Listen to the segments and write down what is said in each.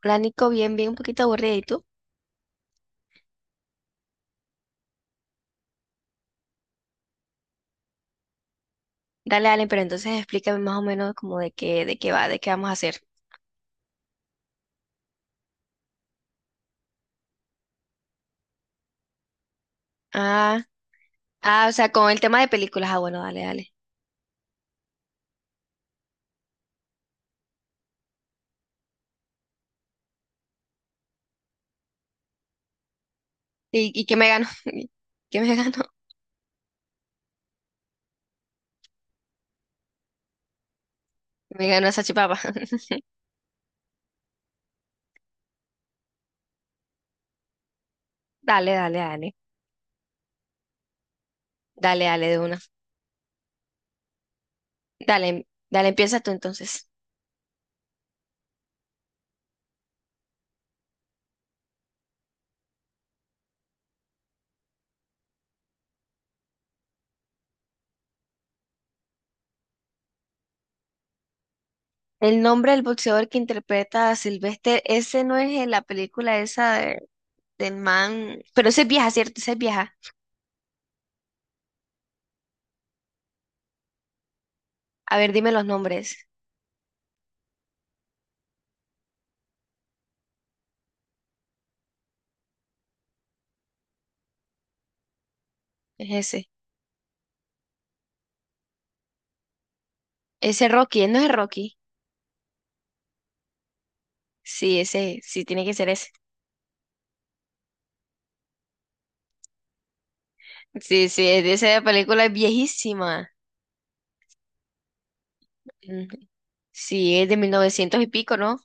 Plánico bien, bien, un poquito aburridito. Dale, dale, pero entonces explícame más o menos como de qué va, de qué vamos a hacer. Ah, ah, o sea, con el tema de películas. Ah, bueno, dale, dale. ¿Y qué me gano? ¿Qué me gano? Me gano esa chipapa. Dale, dale, dale. Dale, dale, de una. Dale, dale, empieza tú entonces. El nombre del boxeador que interpreta a Sylvester, ese no es en la película esa del man. Pero ese es vieja, ¿cierto? Ese es vieja. A ver, dime los nombres. Es ese. Ese Rocky, él no es Rocky. Sí, ese, sí, tiene que ser ese. Sí, sí, es de esa película, es viejísima. Mm, Sí, es de 1900 y pico, ¿no?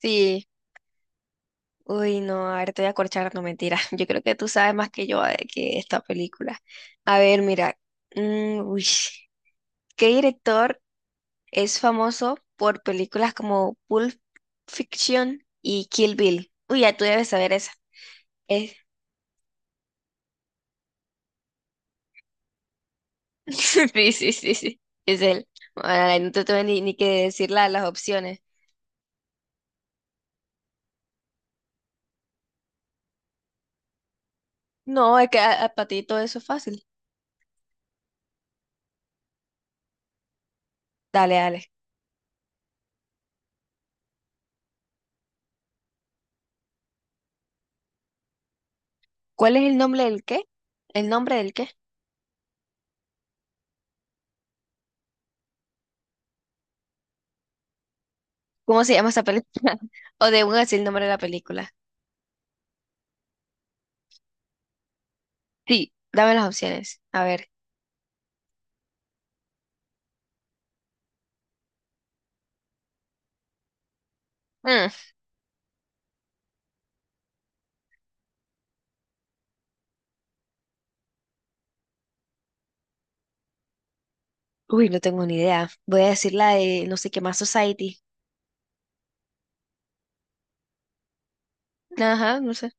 Sí. Uy, no, a ver, te voy a corchar, no mentira. Yo creo que tú sabes más que yo de que esta película. A ver, mira. Uy, ¿qué director es famoso por películas como Pulp Fiction y Kill Bill? Uy, ya tú debes saber esa. Es- Sí, sí, sí, sí. Es él. Ay, no te tengo ni, ni que decir las opciones. No, es que para ti todo eso es fácil. Dale, dale. ¿Cuál es el nombre del qué? ¿El nombre del qué? ¿Cómo se llama esa película? O de un así el nombre de la película. Sí, dame las opciones. A ver. Mm, uy, no tengo ni idea. Voy a decir la de no sé qué más Society. Ajá, no sé.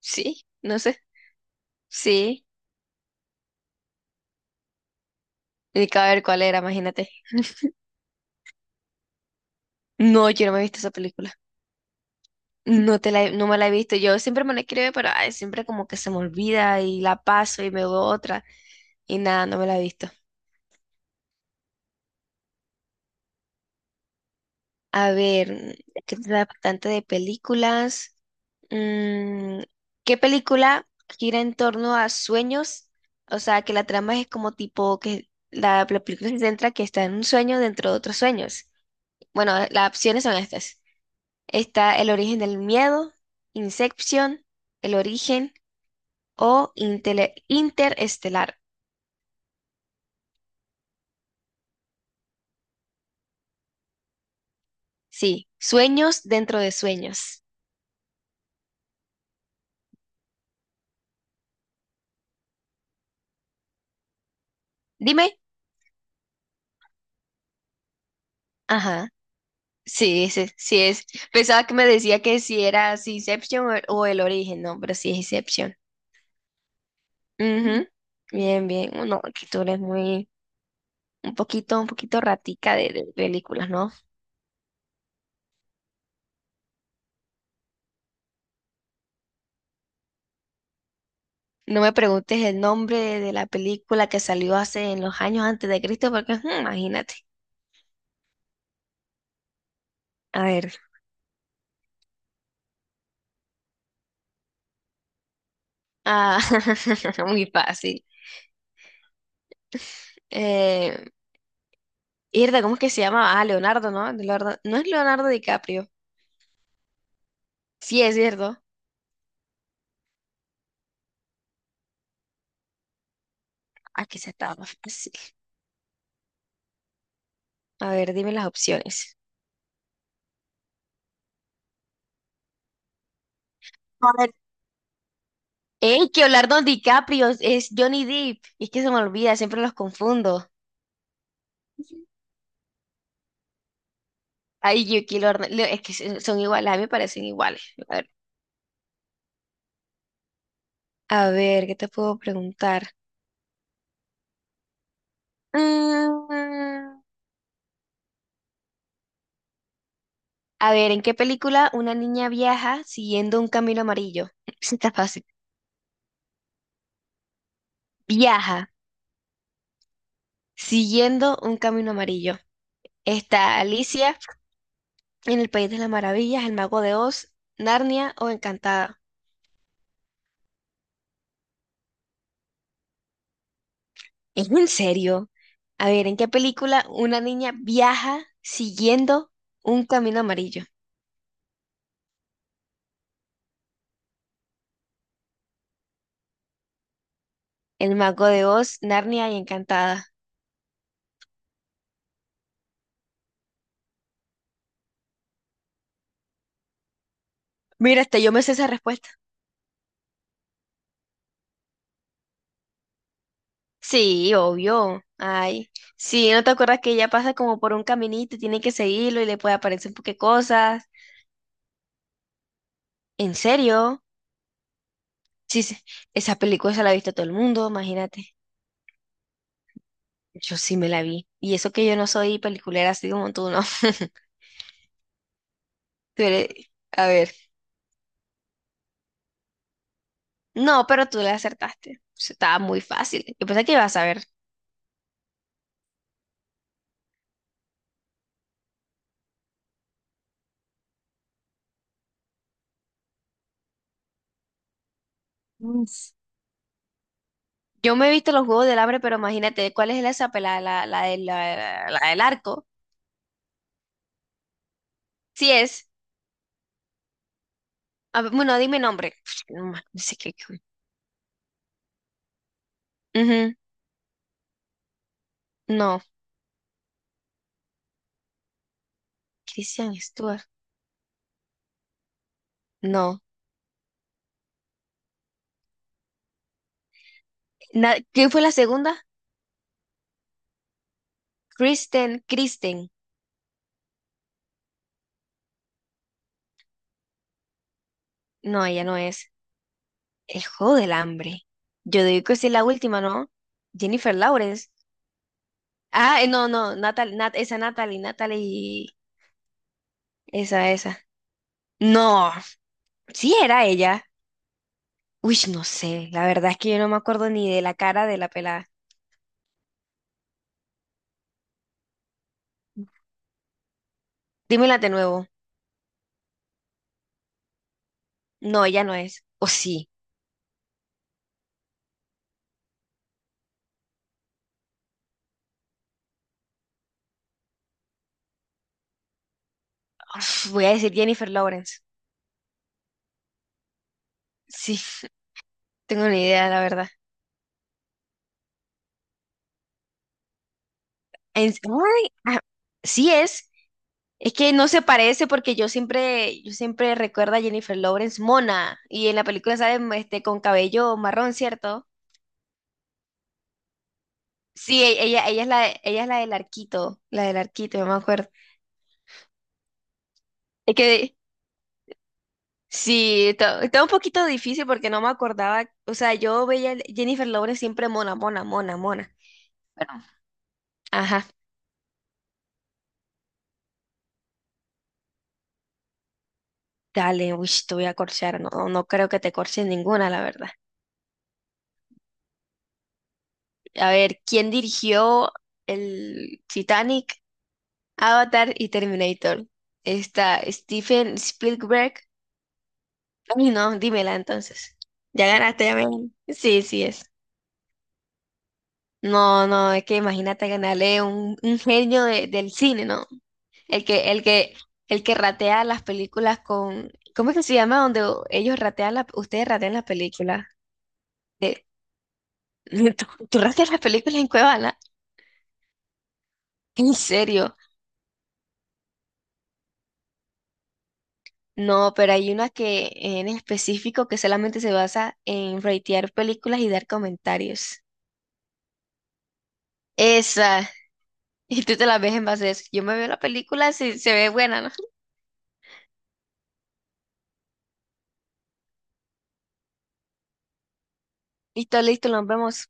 Sí, no sé. Sí. Ni que a ver cuál era, imagínate. No, yo no me he visto esa película. No te la, no me la he visto. Yo siempre me la escribo, pero ay, siempre como que se me olvida y la paso y me veo otra. Y nada, no me la he visto. A ver, que da tanto de películas. Mm, ¿qué película gira en torno a sueños? O sea, que la trama es como tipo que la película se centra que está en un sueño dentro de otros sueños. Bueno, las opciones son estas. Está El origen del miedo, Inception, El origen o Interestelar. Sí, sueños dentro de sueños. Dime. Ajá. Sí, ese, sí es. Pensaba que me decía que si era si Inception o el origen, no, pero sí es Inception. Ujú. Bien, bien. No, que tú eres muy, un poquito ratica de películas, ¿no? No me preguntes el nombre de la película que salió hace en los años antes de Cristo, porque imagínate. A ver. Ah, muy fácil. Eh, Irda, ¿cómo es que se llama? Ah, Leonardo, ¿no? Leonardo, no, es Leonardo DiCaprio. Sí, es cierto. Aquí se estaba más fácil. A ver, dime las opciones. A ver, ey, que Leonardo DiCaprio es Johnny Depp, es que se me olvida, siempre los confundo. Ay, Yuki, es que son iguales, a mí me parecen iguales. A ver, a ver, ¿qué te puedo preguntar? Mm, a ver, ¿en qué película una niña viaja siguiendo un camino amarillo? Sí, está fácil. Viaja siguiendo un camino amarillo. Está Alicia en El País de las Maravillas, El Mago de Oz, Narnia o Encantada. ¿Es en serio? A ver, ¿en qué película una niña viaja siguiendo un camino amarillo? El Mago de Oz, Narnia y Encantada. Mira, hasta yo me sé esa respuesta. Sí, obvio. Ay, sí, ¿no te acuerdas que ella pasa como por un caminito y tiene que seguirlo y le puede aparecer un poquito de cosas? ¿En serio? Sí, sí, esa película se la ha visto todo el mundo, imagínate. Yo sí me la vi. Y eso que yo no soy peliculera así como tú, ¿no? Tú eres- A ver. No, pero tú la acertaste. Eso estaba muy fácil. Yo pensé que ibas a ver. Mm, yo me he visto los Juegos del Hambre, pero imagínate, ¿cuál es esa pelada? La del arco. Sí es. A ver, bueno, dime nombre. No, no sé qué. Bueno. Ujú, no. Christian Stewart. No. ¿Quién fue la segunda? Kristen. Kristen. No, ella no es. El Juego del Hambre. Yo digo que sí es la última, ¿no? Jennifer Lawrence. Ah, no, no. Esa Natalie. Natalie. Esa, esa. No. Sí era ella. Uy, no sé, la verdad es que yo no me acuerdo ni de la cara de la pelada. Dímela de nuevo. No, ella no es. O sí. Uf, voy a decir Jennifer Lawrence. Sí, tengo ni idea, la verdad. Ay, ah, sí es. Es que no se parece porque yo siempre recuerdo a Jennifer Lawrence mona. Y en la película sale este, con cabello marrón, ¿cierto? Sí, ella, ella es la del arquito, la del arquito, yo me acuerdo. Es que sí, está un poquito difícil porque no me acordaba, o sea, yo veía Jennifer Lawrence siempre mona, mona, mona, mona. Bueno, ajá, dale, uy, te voy a corchar, no, no creo que te corches ninguna, la verdad. A ver, ¿quién dirigió el Titanic, Avatar y Terminator? Está Steven Spielberg. Ay, no, dímela entonces. Ya ganaste, ya me gané. Sí, sí es. No, no, es que imagínate ganarle un genio del cine, ¿no? El que, el que, el que ratea las películas con, ¿cómo es que se llama? Donde ellos ratean la, ustedes ratean las películas. ¿Tú rateas las películas en Cuevana? ¿En serio? No, pero hay una que en específico que solamente se basa en ratear películas y dar comentarios. Esa. Y tú te la ves en base a eso. Yo me veo la película si se ve buena, ¿no? Listo, listo, nos vemos.